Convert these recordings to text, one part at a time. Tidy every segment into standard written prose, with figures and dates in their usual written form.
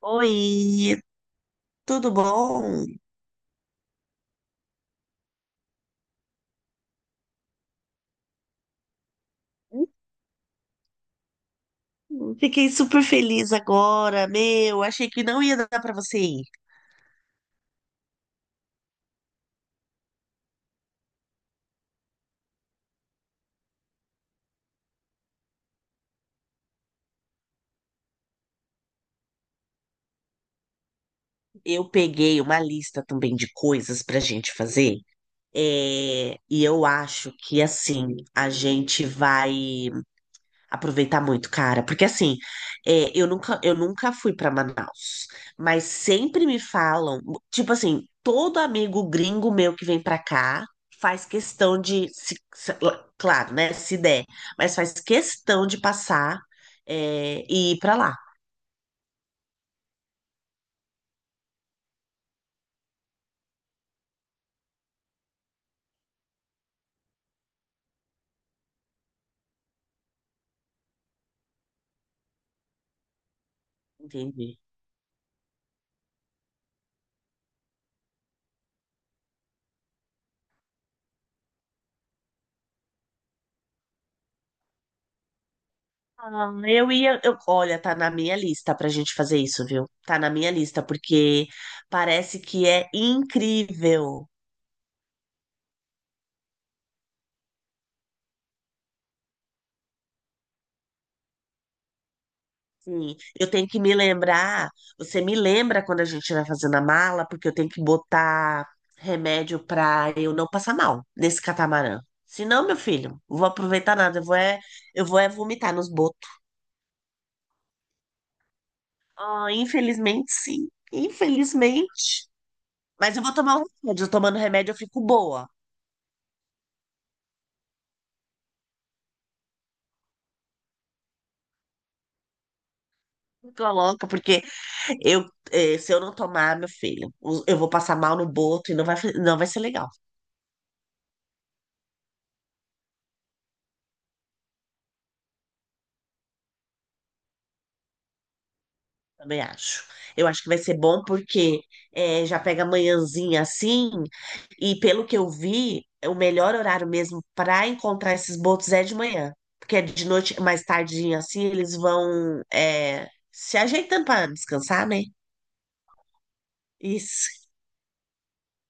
Oi, tudo bom? Fiquei super feliz agora, meu. Achei que não ia dar pra você ir. Eu peguei uma lista também de coisas pra gente fazer. É, e eu acho que assim a gente vai aproveitar muito, cara, porque assim, é, eu nunca fui para Manaus, mas sempre me falam, tipo assim, todo amigo gringo meu que vem para cá faz questão de, claro, né, se der, mas faz questão de passar, é, e ir para lá, entendi. Ah, olha, tá na minha lista pra gente fazer isso, viu? Tá na minha lista, porque parece que é incrível. Sim, eu tenho que me lembrar. Você me lembra quando a gente vai fazendo a mala, porque eu tenho que botar remédio pra eu não passar mal nesse catamarã. Senão meu filho, não vou aproveitar nada. Eu vou é vomitar nos botos. Ah, infelizmente, sim. Infelizmente. Mas eu vou tomar um remédio. Eu tomando remédio, eu fico boa. Fico louca, porque eu, se eu não tomar, meu filho, eu vou passar mal no boto e não vai ser legal. Também acho. Eu acho que vai ser bom porque é já pega manhãzinha assim, e pelo que eu vi, o melhor horário mesmo para encontrar esses botos é de manhã. Porque é de noite, mais tardinha assim, eles vão é se ajeitando para descansar, né? Isso.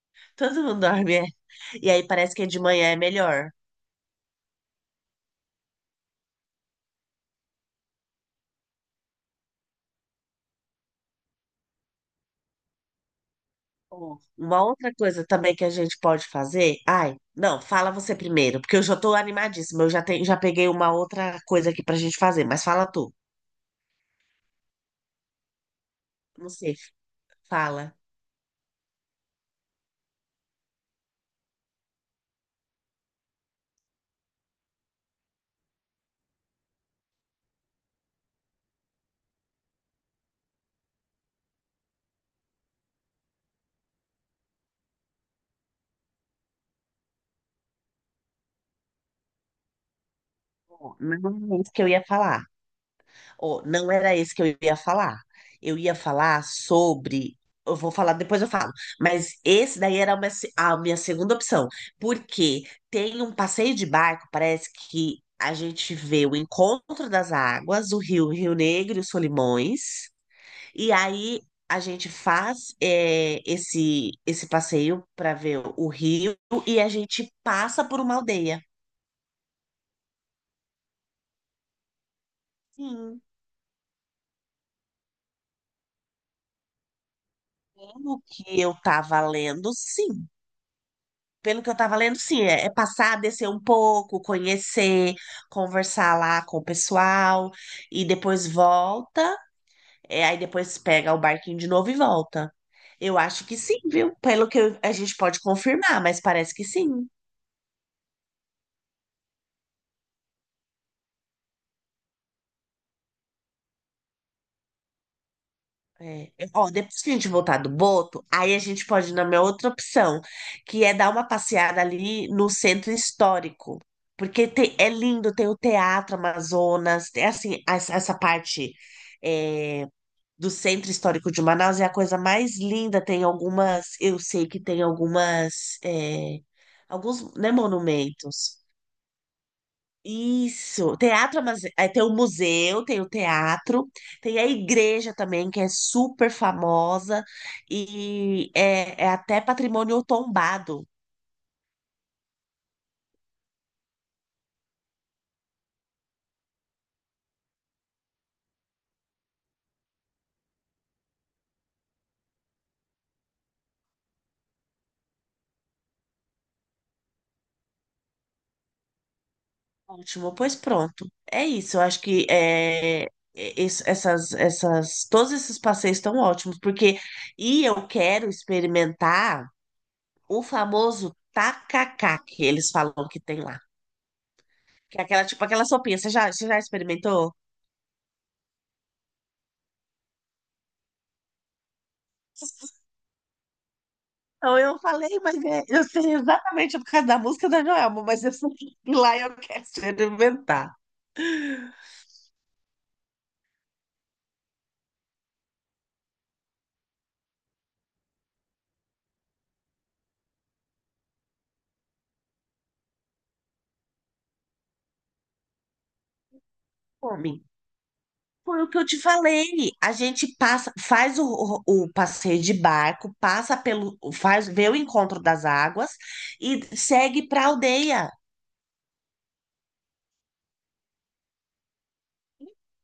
Todo mundo dorme, é. E aí parece que de manhã é melhor. Ó, uma outra coisa também que a gente pode fazer. Ai, não, fala você primeiro, porque eu já tô animadíssima. Já peguei uma outra coisa aqui pra gente fazer, mas fala tu. Você fala, "Ó, não é isso que eu ia falar. Ou não era isso que eu ia falar. Eu ia falar sobre. Eu vou falar, depois eu falo. Mas esse daí era a minha, se- a minha segunda opção. Porque tem um passeio de barco, parece que a gente vê o encontro das águas, Rio Negro e os Solimões. E aí a gente faz esse passeio para ver o rio e a gente passa por uma aldeia. Sim. Pelo que eu tava lendo, sim. Pelo que eu tava lendo, sim. É, é passar, descer um pouco, conhecer, conversar lá com o pessoal, e depois volta, é, aí depois pega o barquinho de novo e volta. Eu acho que sim, viu? A gente pode confirmar, mas parece que sim. É. Ó, depois que a gente voltar do Boto, aí a gente pode ir na minha outra opção, que é dar uma passeada ali no centro histórico. É lindo, tem o Teatro Amazonas, é assim, essa parte é, do centro histórico de Manaus é a coisa mais linda. Eu sei que tem algumas, é, alguns, né, monumentos. Isso, é, tem o museu, tem o teatro, tem a igreja também, que é super famosa e é até patrimônio tombado, último, pois pronto, é isso, eu acho que essas, todos esses passeios estão ótimos, porque, e eu quero experimentar o famoso tacacá, que eles falam que tem lá, que é aquela, tipo, aquela sopinha, você já experimentou? Então eu falei, eu sei exatamente por causa da música da Joelma, mas eu sei que lá eu quero experimentar. Homem, foi o que eu te falei. A gente passa, o passeio de barco, vê o encontro das águas e segue para a aldeia.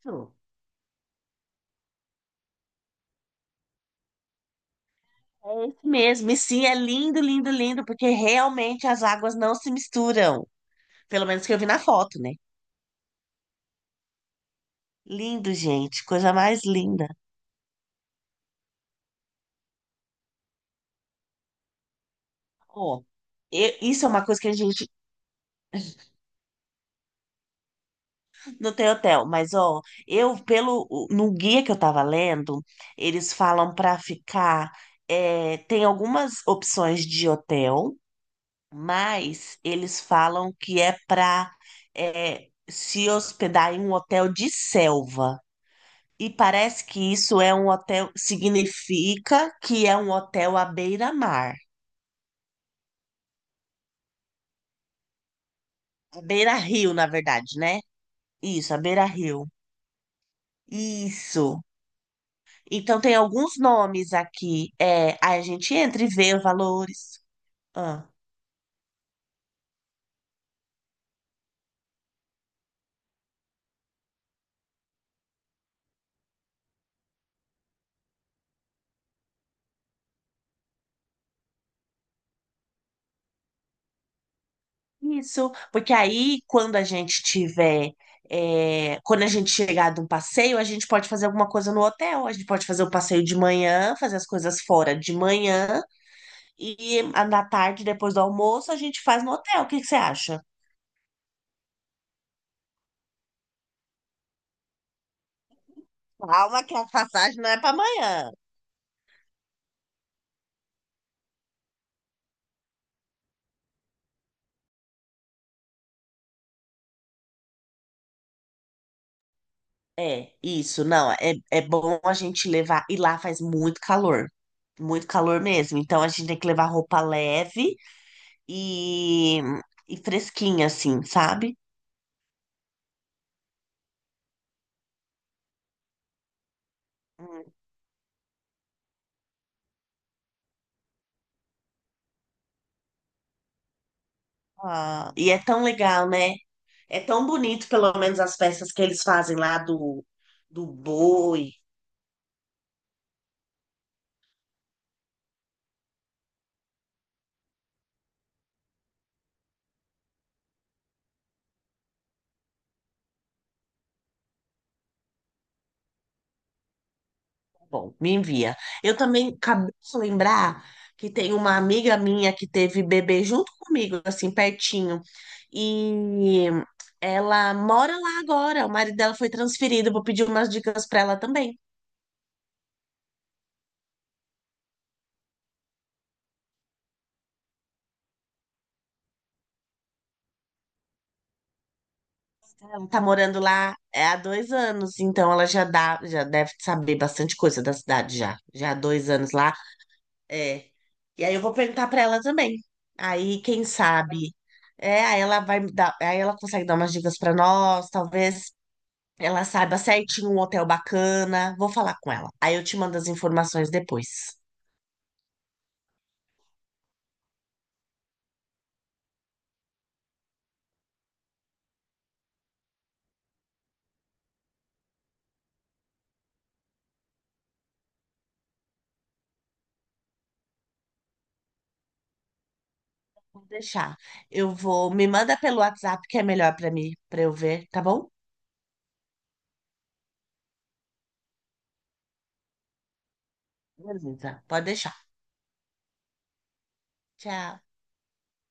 Isso. É isso mesmo. E sim, é lindo, lindo, lindo, porque realmente as águas não se misturam. Pelo menos que eu vi na foto, né? Lindo, gente, coisa mais linda. Ó, e- isso é uma coisa que a gente não tem hotel, mas ó, eu no guia que eu tava lendo, eles falam para ficar, é, tem algumas opções de hotel, mas eles falam que é para se hospedar em um hotel de selva. E parece que isso é um hotel, significa que é um hotel à beira-mar, à beira-rio, na verdade, né? Isso, à beira-rio. Isso. Então, tem alguns nomes aqui. É, aí a gente entra e vê os valores. Ah, isso, porque aí, quando a gente tiver. É, quando a gente chegar de um passeio, a gente pode fazer alguma coisa no hotel. A gente pode fazer o passeio de manhã, fazer as coisas fora de manhã. Na tarde, depois do almoço, a gente faz no hotel. O que que você acha? Calma, que a passagem não é para amanhã. É, isso, não, é, é bom a gente levar, e lá faz muito calor mesmo, então a gente tem que levar roupa leve e, e fresquinha, assim, sabe? Hum. Ah, e é tão legal, né? É tão bonito, pelo menos, as festas que eles fazem lá do, do boi, bom, me envia. Eu também acabei de lembrar que tem uma amiga minha que teve bebê junto comigo, assim, pertinho. E ela mora lá agora. O marido dela foi transferido. Vou pedir umas dicas para ela também. Ela tá morando lá é, há 2 anos, então ela já dá, já deve saber bastante coisa da cidade já. Já há 2 anos lá. É. E aí eu vou perguntar para ela também. Aí, quem sabe? É, aí ela consegue dar umas dicas para nós, talvez ela saiba certinho um hotel bacana. Vou falar com ela. Aí eu te mando as informações depois. Vou deixar. Eu vou. Me manda pelo WhatsApp que é melhor pra mim, pra eu ver, tá bom? Beleza. Pode deixar. Tchau.